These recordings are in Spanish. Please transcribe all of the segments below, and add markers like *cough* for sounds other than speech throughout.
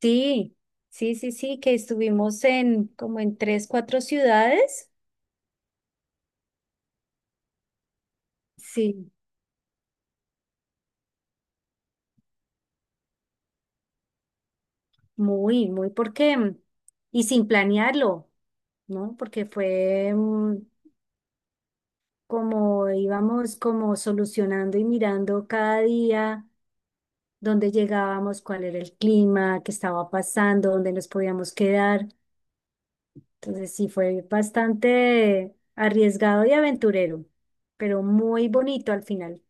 Sí, sí, sí, sí, que estuvimos en como en tres, cuatro ciudades. Sí, muy, muy porque, y sin planearlo, ¿no? Porque fue, como íbamos como solucionando y mirando cada día dónde llegábamos, cuál era el clima, qué estaba pasando, dónde nos podíamos quedar. Entonces sí fue bastante arriesgado y aventurero, pero muy bonito al final.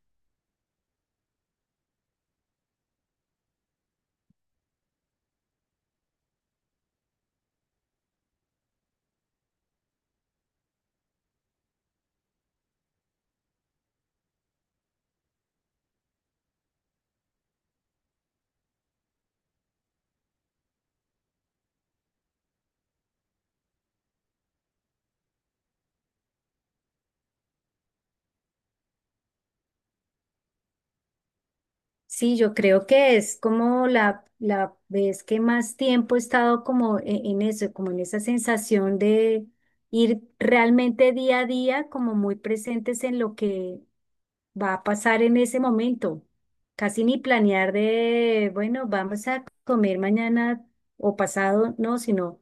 Sí, yo creo que es como la vez que más tiempo he estado como en eso, como en esa sensación de ir realmente día a día, como muy presentes en lo que va a pasar en ese momento. Casi ni planear de, bueno, vamos a comer mañana o pasado, no, sino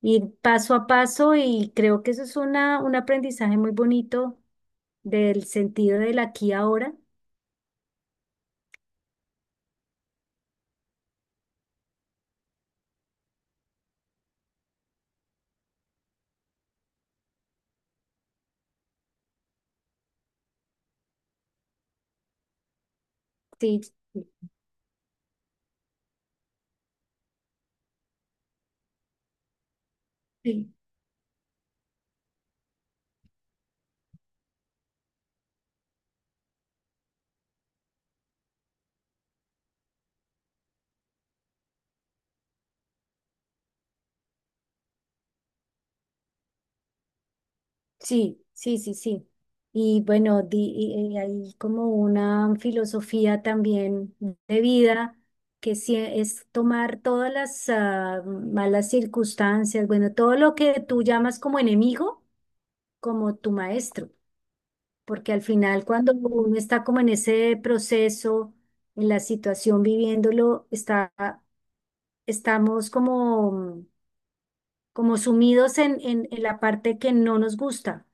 ir paso a paso y creo que eso es una, un aprendizaje muy bonito del sentido del aquí y ahora. Sí, sí. Sí, sí, sí, sí. Y bueno, y hay como una filosofía también de vida que sí es tomar todas las malas circunstancias, bueno, todo lo que tú llamas como enemigo, como tu maestro, porque al final cuando uno está como en ese proceso, en la situación viviéndolo, está, estamos como como sumidos en la parte que no nos gusta.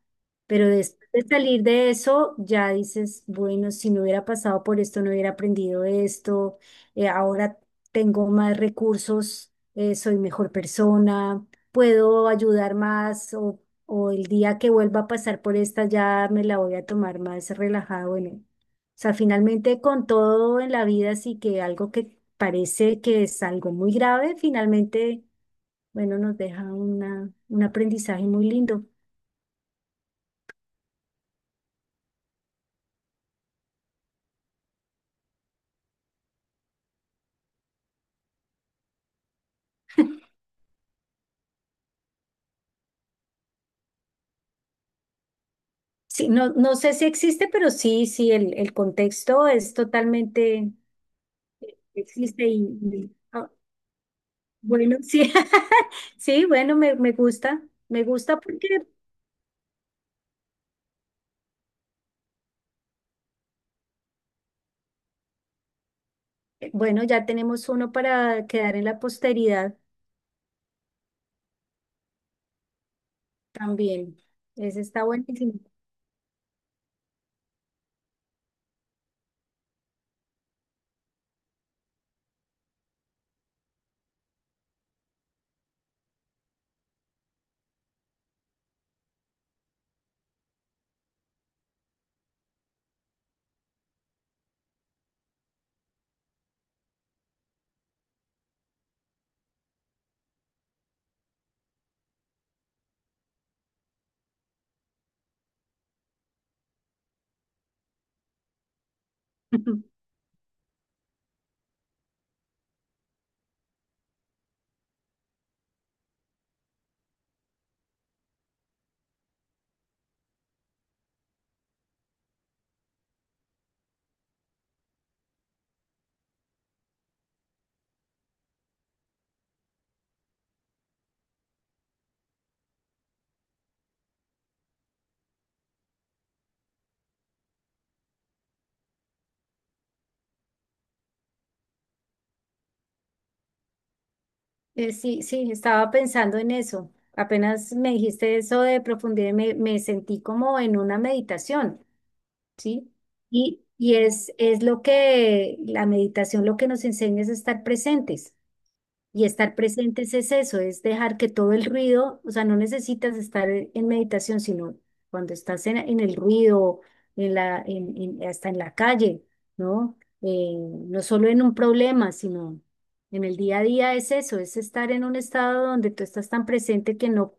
Pero después de salir de eso, ya dices, bueno, si no hubiera pasado por esto, no hubiera aprendido esto, ahora tengo más recursos, soy mejor persona, puedo ayudar más o el día que vuelva a pasar por esta ya me la voy a tomar más relajada. Bueno, o sea, finalmente con todo en la vida, sí que algo que parece que es algo muy grave, finalmente bueno, nos deja una, un aprendizaje muy lindo. Sí, no, no sé si existe, pero sí, sí, el contexto es totalmente, existe y, ah, bueno, sí, *laughs* sí, bueno, me gusta porque, bueno, ya tenemos uno para quedar en la posteridad también. Ese está buenísimo. *laughs* Sí, sí, estaba pensando en eso. Apenas me dijiste eso de profundidad, me sentí como en una meditación. ¿Sí? Y es lo que la meditación lo que nos enseña es a estar presentes. Y estar presentes es eso, es dejar que todo el ruido, o sea, no necesitas estar en meditación, sino cuando estás en el ruido, en la, hasta en la calle, ¿no? No solo en un problema, sino en el día a día es eso, es estar en un estado donde tú estás tan presente que no,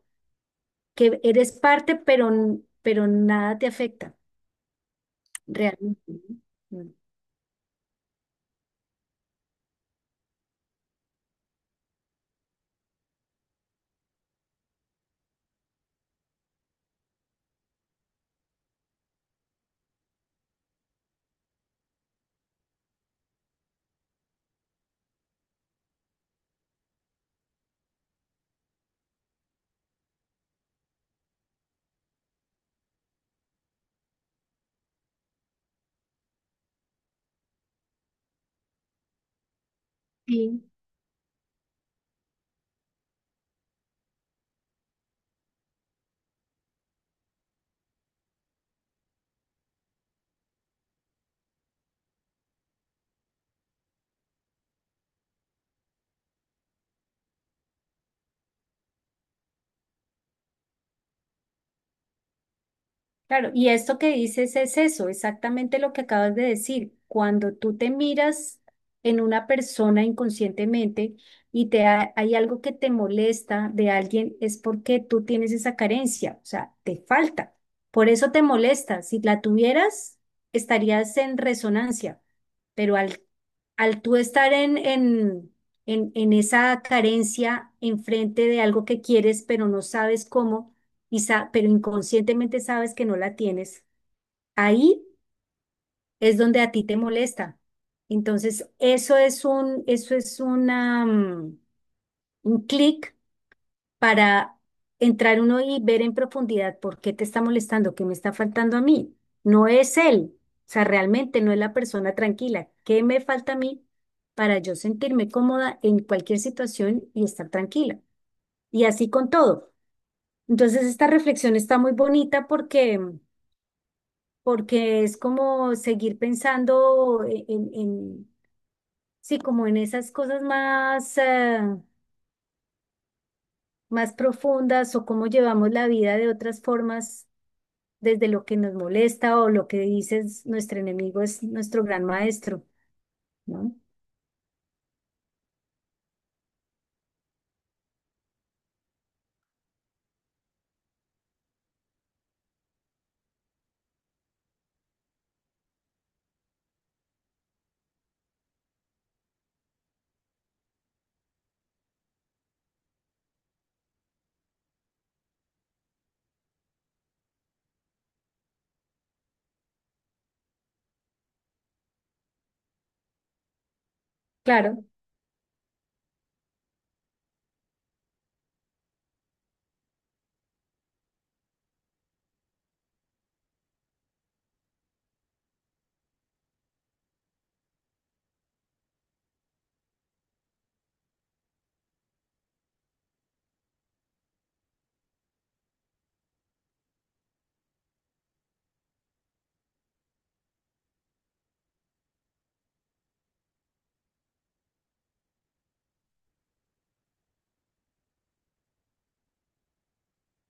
que eres parte, pero, pero nada te afecta realmente. ¿No? Sí, claro. Y esto que dices es eso, exactamente lo que acabas de decir. Cuando tú te miras en una persona inconscientemente y te hay algo que te molesta de alguien, es porque tú tienes esa carencia, o sea, te falta. Por eso te molesta. Si la tuvieras, estarías en resonancia. Pero al, al tú estar en esa carencia enfrente de algo que quieres, pero no sabes cómo. Y pero inconscientemente sabes que no la tienes, ahí es donde a ti te molesta. Entonces, eso es un, eso es una, un clic para entrar uno y ver en profundidad por qué te está molestando, qué me está faltando a mí. No es él, o sea, realmente no es la persona tranquila. ¿Qué me falta a mí para yo sentirme cómoda en cualquier situación y estar tranquila? Y así con todo. Entonces, esta reflexión está muy bonita porque porque es como seguir pensando sí, como en esas cosas más, más profundas o cómo llevamos la vida de otras formas desde lo que nos molesta o lo que dices, nuestro enemigo es nuestro gran maestro, ¿no? Claro.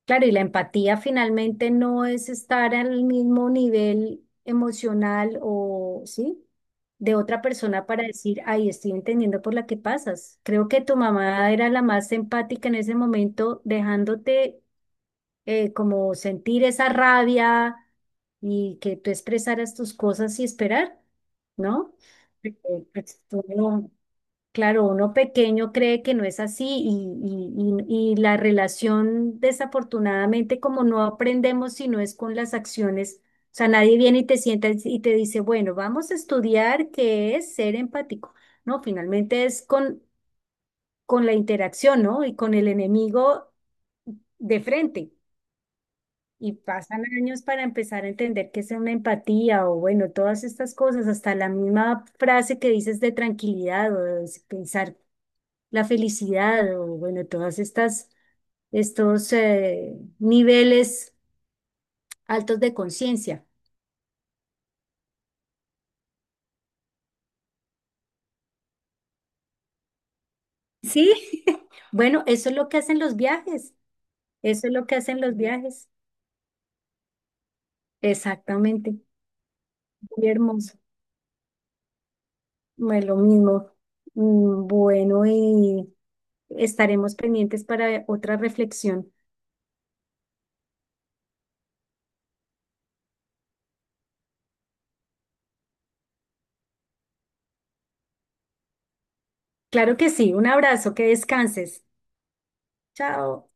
Claro, y la empatía finalmente no es estar al mismo nivel emocional o, ¿sí? De otra persona para decir, ay, estoy entendiendo por la que pasas. Creo que tu mamá era la más empática en ese momento, dejándote como sentir esa rabia y que tú expresaras tus cosas y esperar, ¿no? Porque, pues, tú no- Claro, uno pequeño cree que no es así y, y la relación, desafortunadamente, como no aprendemos si no es con las acciones, o sea, nadie viene y te sienta y te dice, bueno, vamos a estudiar qué es ser empático. No, finalmente es con la interacción, ¿no? Y con el enemigo de frente. Y pasan años para empezar a entender qué es una empatía o, bueno, todas estas cosas, hasta la misma frase que dices de tranquilidad o de pensar la felicidad o bueno, todas estas, estos niveles altos de conciencia. Sí, *laughs* bueno, eso es lo que hacen los viajes, eso es lo que hacen los viajes, exactamente, muy hermoso, bueno, lo mismo. Bueno, y estaremos pendientes para otra reflexión. Claro que sí, un abrazo, que descanses. Chao.